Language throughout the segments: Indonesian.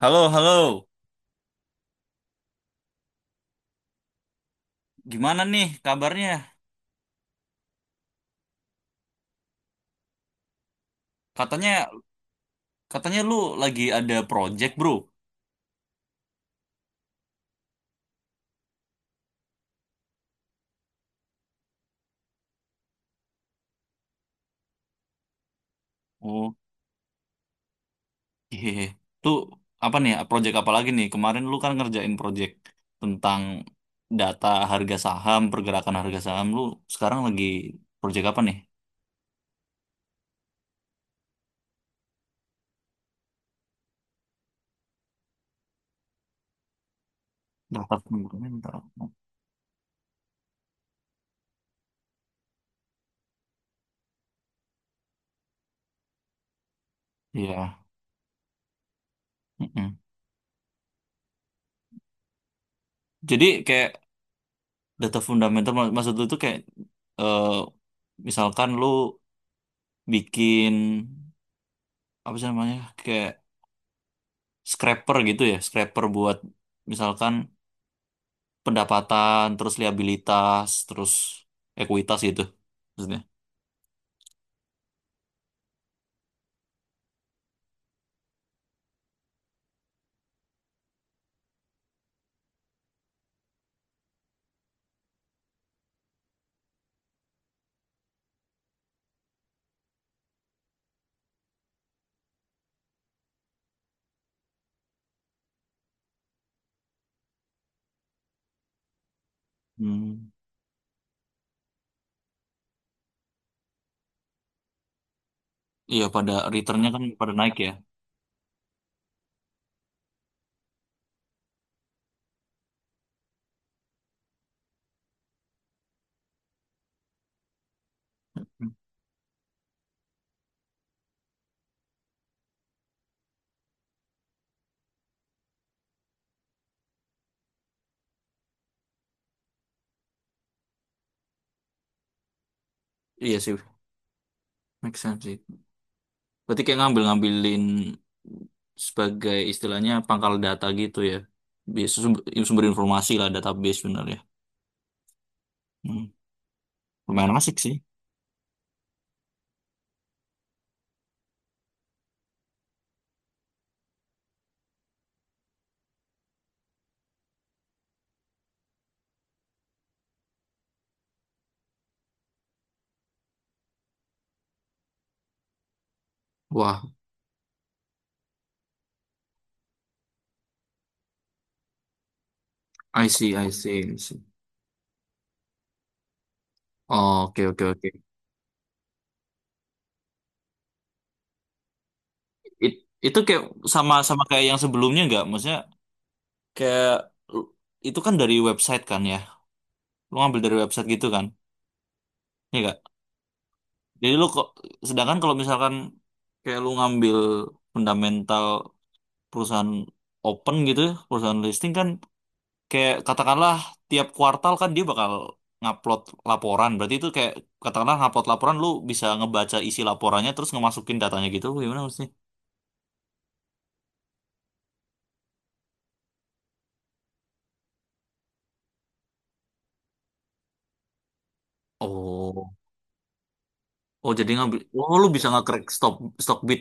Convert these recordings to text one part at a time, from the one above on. Halo, halo. Gimana nih kabarnya? Katanya katanya lu lagi ada project, Bro. Oh, iya. Tuh apa nih? Ya? Project apa lagi nih? Kemarin lu kan ngerjain project tentang data harga saham, pergerakan harga saham. Lu sekarang lagi project apa nih? Data fundamental. Iya. Mm-mm. Jadi kayak data fundamental maksud lu tuh kayak eh, misalkan lu bikin apa sih namanya? Kayak scraper gitu ya, scraper buat misalkan pendapatan, terus liabilitas, terus ekuitas gitu maksudnya. Hmm. Iya pada returnnya kan pada naik ya. Hmm. Iya sih, make sense sih. Berarti kayak ngambil-ngambilin sebagai istilahnya pangkal data gitu ya. Sumber, sumber informasi lah database bener ya. Hmm. Lumayan asik sih. Wah, I see, I see, I see. Oh, oke, oke, oke. It- itu kayak sama sama kayak yang sebelumnya nggak? Maksudnya kayak lu- itu kan dari website kan ya, lu ngambil dari website gitu kan ya gak. Jadi lu kok sedangkan kalau misalkan kayak lu ngambil fundamental perusahaan open gitu ya, perusahaan listing kan kayak katakanlah tiap kuartal kan dia bakal ngupload laporan. Berarti itu kayak katakanlah ngupload laporan, lu bisa ngebaca isi laporannya terus ngemasukin datanya gitu gimana maksudnya. Oh oh, jadi ngambil. Oh, lu bisa nge-crack stock stock bid.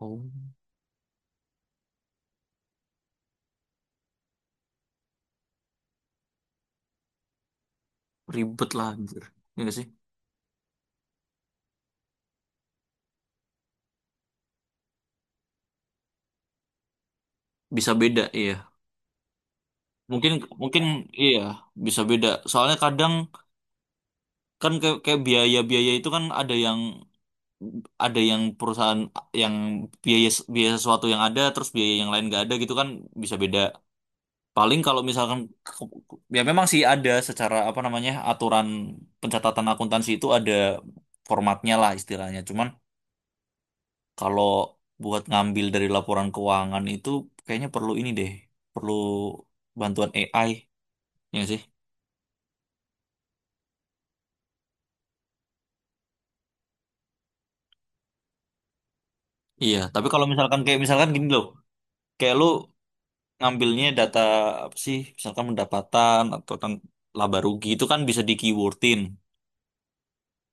Oh, ribet lah anjir. Iya nggak sih, bisa beda, iya. Mungkin mungkin iya bisa beda. Soalnya kadang kan kayak biaya-biaya itu kan ada yang perusahaan yang biaya biaya sesuatu yang ada terus biaya yang lain nggak ada gitu kan bisa beda. Paling kalau misalkan ya memang sih ada secara apa namanya aturan pencatatan akuntansi itu ada formatnya lah istilahnya. Cuman kalau buat ngambil dari laporan keuangan itu kayaknya perlu ini deh, perlu bantuan AI ya nggak sih? Iya, tapi kalau misalkan kayak misalkan gini loh, kayak lu ngambilnya data apa sih, misalkan pendapatan atau tentang laba rugi itu kan bisa di keywordin,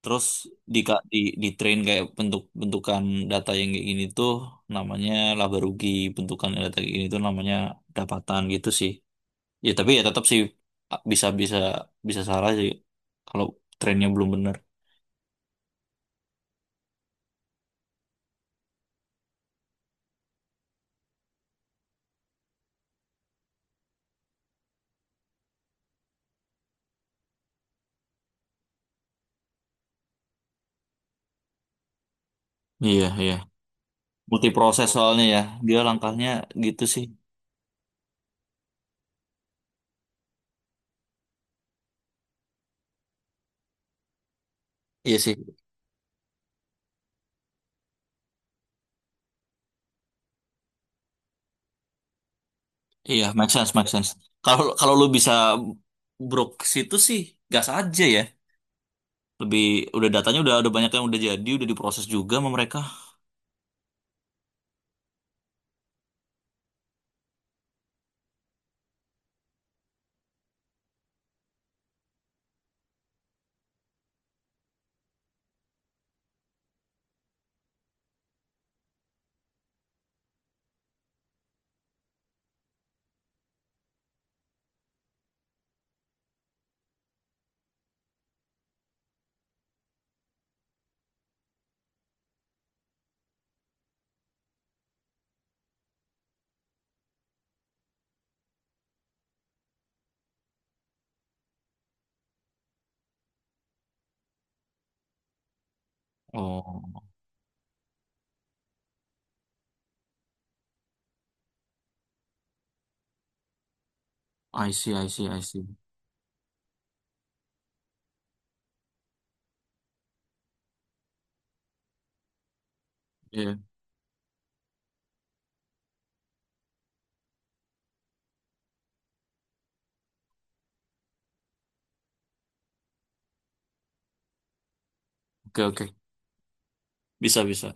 terus di di di train kayak bentukan data yang kayak gini tuh namanya laba rugi, bentukan data kayak gini tuh namanya pendapatan gitu sih. Ya tapi ya tetap sih, bisa bisa bisa salah sih kalau trainnya belum bener. Iya, iya. Multi proses soalnya ya, dia langkahnya gitu sih. Iya sih. Iya, make sense, make sense. Kalau kalau lu bisa brok ke situ sih, gas aja ya. Lebih udah datanya udah ada banyak yang udah jadi, udah diproses juga sama mereka. Oh, I see, I see, I see. Iya, oke, oke. Bisa, bisa.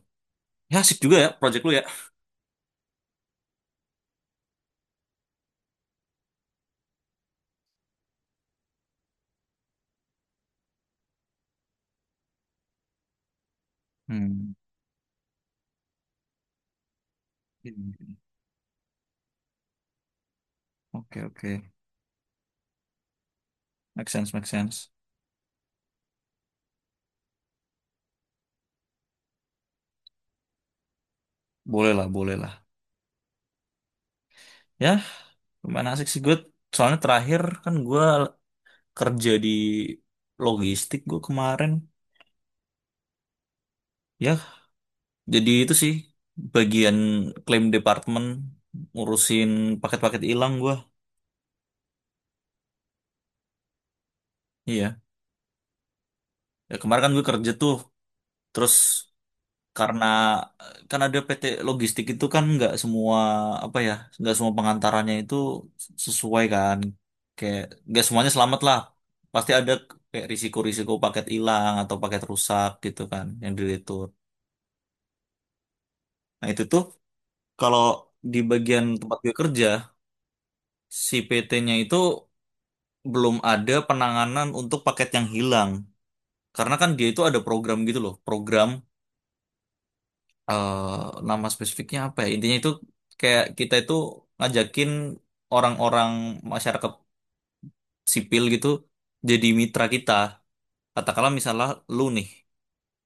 Ya, asik juga ya project lu ya. Hmm. Oke, oke. Make sense, make sense. Boleh lah, boleh lah. Ya, lumayan asik sih gue. Soalnya terakhir kan gue kerja di logistik gue kemarin. Ya, jadi itu sih bagian claim department ngurusin paket-paket hilang gua. Iya. Ya, kemarin kan gue kerja tuh. Terus karena kan ada PT logistik itu kan nggak semua apa ya, nggak semua pengantarannya itu sesuai kan. Kayak nggak semuanya selamat lah. Pasti ada kayak risiko-risiko paket hilang atau paket rusak gitu kan yang diretur. Nah, itu tuh kalau di bagian tempat gue kerja si PT-nya itu belum ada penanganan untuk paket yang hilang. Karena kan dia itu ada program gitu loh, program, nama spesifiknya apa ya? Intinya itu kayak kita itu ngajakin orang-orang masyarakat sipil gitu jadi mitra kita. Katakanlah misalnya lu nih,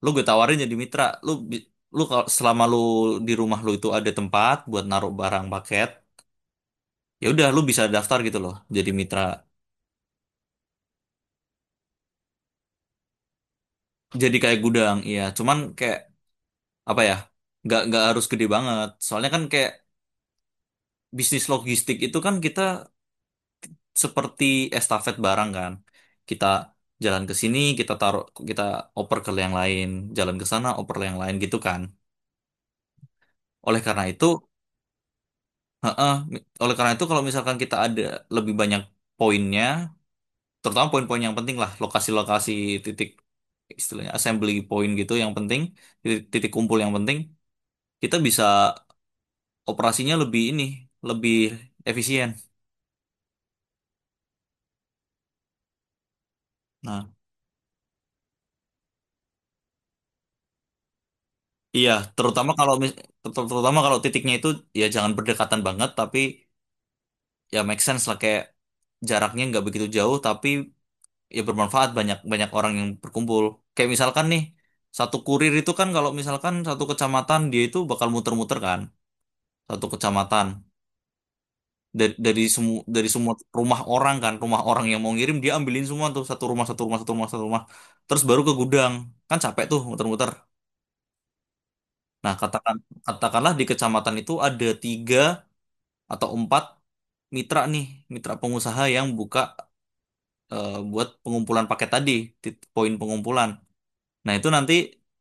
lu gue tawarin jadi mitra, lu kalau selama lu di rumah lu itu ada tempat buat naruh barang paket, ya udah lu bisa daftar gitu loh jadi mitra. Jadi kayak gudang, iya. Cuman kayak apa ya, nggak harus gede banget. Soalnya kan kayak bisnis logistik itu kan kita seperti estafet barang kan, kita jalan ke sini kita taruh, kita oper ke yang lain, jalan ke sana oper ke yang lain gitu kan, oleh karena itu. Heeh, oleh karena itu kalau misalkan kita ada lebih banyak poinnya, terutama poin-poin yang penting lah, lokasi-lokasi titik, istilahnya assembly point gitu yang penting, titik, titik kumpul yang penting, kita bisa operasinya lebih ini, lebih efisien. Nah, iya, terutama kalau terutama kalau titiknya itu ya jangan berdekatan banget, tapi ya make sense lah kayak jaraknya nggak begitu jauh, tapi ya bermanfaat banyak banyak orang yang berkumpul. Kayak misalkan nih, satu kurir itu kan kalau misalkan satu kecamatan dia itu bakal muter-muter kan satu kecamatan, dari semua rumah orang kan, rumah orang yang mau ngirim dia ambilin semua tuh, satu rumah, satu rumah, satu rumah, satu rumah, terus baru ke gudang, kan capek tuh muter-muter. Nah katakanlah di kecamatan itu ada tiga atau empat mitra nih, mitra pengusaha yang buka, buat pengumpulan paket tadi, poin pengumpulan. Nah, itu nanti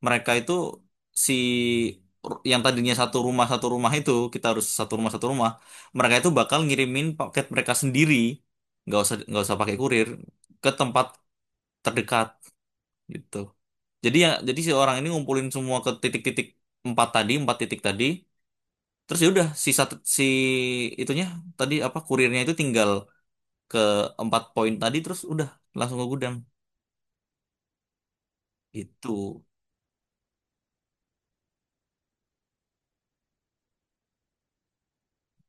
mereka itu si yang tadinya satu rumah itu kita harus satu rumah, mereka itu bakal ngirimin paket mereka sendiri, nggak usah pakai kurir ke tempat terdekat gitu. Jadi ya jadi si orang ini ngumpulin semua ke titik-titik empat tadi, empat titik tadi. Terus ya udah si satu, si itunya tadi apa kurirnya itu tinggal ke empat poin tadi terus udah langsung ke gudang itu.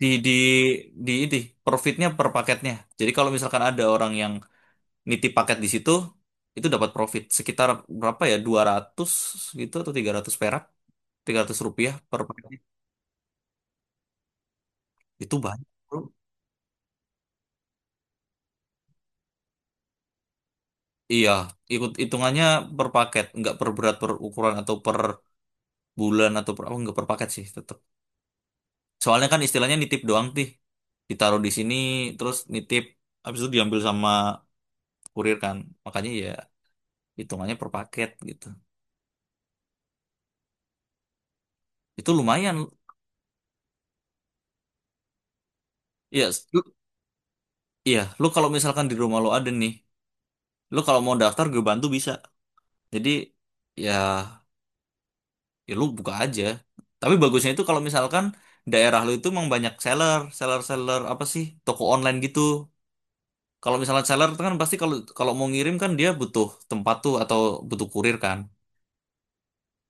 Di di di itu profitnya per paketnya. Jadi kalau misalkan ada orang yang nitip paket di situ, itu dapat profit sekitar berapa ya, 200 gitu atau 300 perak, Rp300 per paketnya. Itu banyak bro. Iya, ikut hitungannya per paket, nggak per berat per ukuran atau per bulan atau per apa. Nggak, per paket sih tetap, soalnya kan istilahnya nitip doang tih, ditaruh di sini terus nitip habis itu diambil sama kurir kan, makanya ya hitungannya per paket gitu, itu lumayan ya. Lu, iya lu kalau misalkan di rumah lu ada nih, lu kalau mau daftar gue bantu bisa. Jadi ya, ya lu buka aja, tapi bagusnya itu kalau misalkan daerah lu itu emang banyak seller seller seller, apa sih, toko online gitu. Kalau misalnya seller itu kan pasti, kalau kalau mau ngirim kan dia butuh tempat tuh atau butuh kurir kan.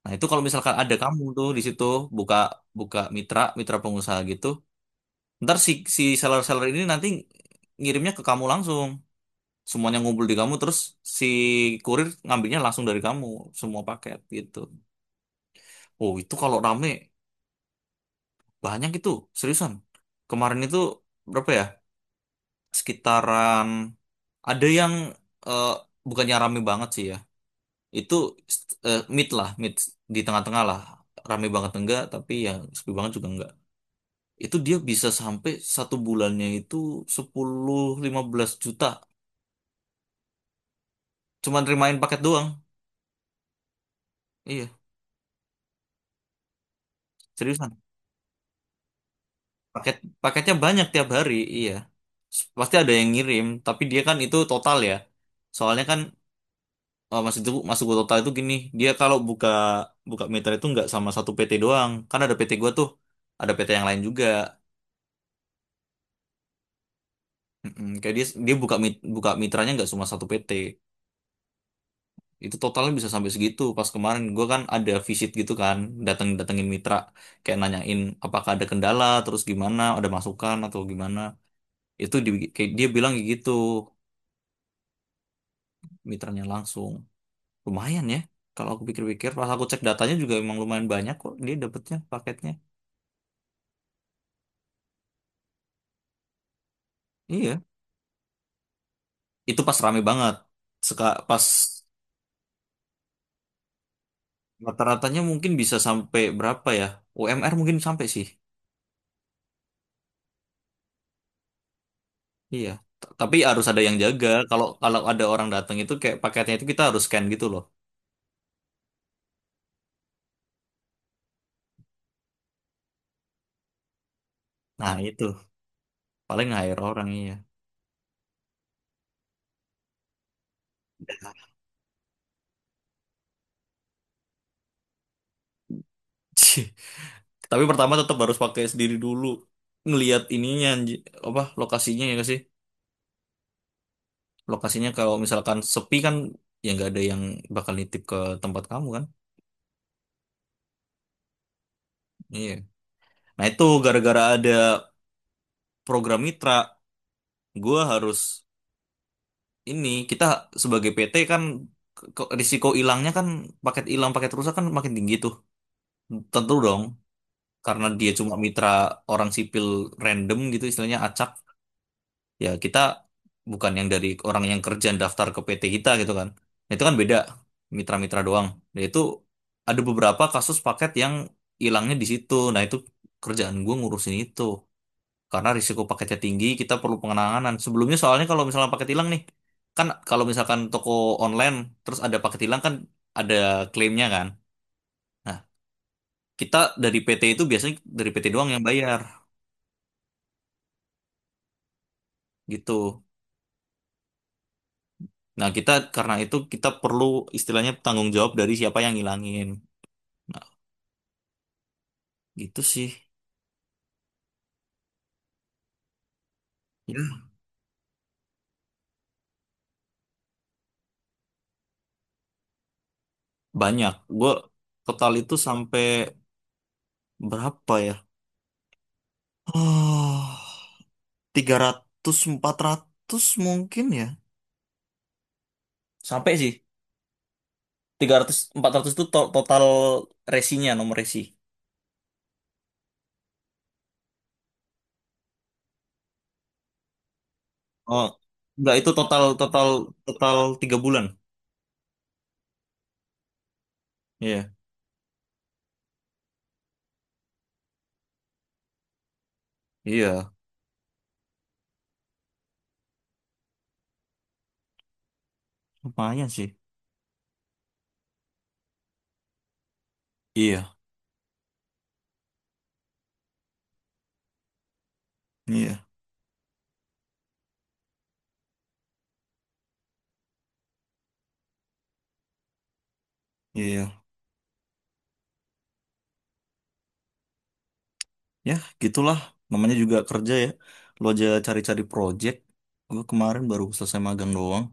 Nah itu kalau misalkan ada kamu tuh di situ buka buka mitra mitra pengusaha gitu. Ntar si si seller-seller ini nanti ngirimnya ke kamu langsung. Semuanya ngumpul di kamu terus si kurir ngambilnya langsung dari kamu semua paket gitu. Oh, itu kalau rame banyak itu, seriusan. Kemarin itu berapa ya? Sekitaran ada yang, eh, bukannya rame banget sih ya. Itu mid lah, mid di tengah-tengah lah. Rame banget enggak, tapi yang sepi banget juga enggak. Itu dia bisa sampai satu bulannya itu 10-15 juta, cuman terimain paket doang. Iya, seriusan. Paket paketnya banyak tiap hari, iya. Pasti ada yang ngirim, tapi dia kan itu total ya. Soalnya kan, maksud gua total itu gini, dia kalau buka buka mitra itu nggak sama satu PT doang. Kan ada PT gua tuh, ada PT yang lain juga. Mm-mm, kayak dia dia buka mitranya nggak cuma satu PT. Itu totalnya bisa sampai segitu. Pas kemarin gua kan ada visit gitu kan, datengin mitra kayak nanyain apakah ada kendala, terus gimana, ada masukan atau gimana. Itu di, kayak dia bilang kayak gitu mitranya langsung lumayan ya. Kalau aku pikir-pikir pas aku cek datanya juga emang lumayan banyak kok dia dapetnya paketnya, iya. Itu pas rame banget. Pas rata-ratanya mungkin bisa sampai berapa ya, UMR mungkin sampai sih, iya. Tapi harus ada yang jaga kalau kalau ada orang datang itu kayak paketnya itu kita harus scan gitu loh. Nah itu paling hire orang, iya. Cih. Tapi pertama tetap harus pakai sendiri dulu, ngelihat ininya apa lokasinya, ya nggak sih. Lokasinya kalau misalkan sepi kan ya nggak ada yang bakal nitip ke tempat kamu kan, iya. Nah itu gara-gara ada program mitra, gue harus ini, kita sebagai PT kan, risiko hilangnya kan, paket hilang paket rusak kan makin tinggi tuh, tentu dong. Karena dia cuma mitra, orang sipil random gitu, istilahnya acak ya, kita bukan yang dari orang yang kerja daftar ke PT kita gitu kan. Nah, itu kan beda, mitra-mitra doang nah, itu ada beberapa kasus paket yang hilangnya di situ. Nah itu kerjaan gue ngurusin itu. Karena risiko paketnya tinggi kita perlu penanganan sebelumnya, soalnya kalau misalnya paket hilang nih, kan kalau misalkan toko online terus ada paket hilang kan ada klaimnya kan. Nah, kita dari PT itu biasanya dari PT doang yang bayar gitu. Nah, kita karena itu kita perlu istilahnya tanggung jawab dari siapa yang ngilangin. Nah, gitu sih. Ya, banyak. Gue total itu sampai berapa ya? Oh, 300-400 mungkin ya. Sampai sih. 300-400 itu total resinya, nomor resi. Oh, enggak itu total total total 3 bulan. Iya. Iya. Lumayan sih. Iya. Iya. Iya. Ya, gitulah. Namanya juga kerja ya. Lo aja cari-cari project. Gue kemarin baru selesai magang doang.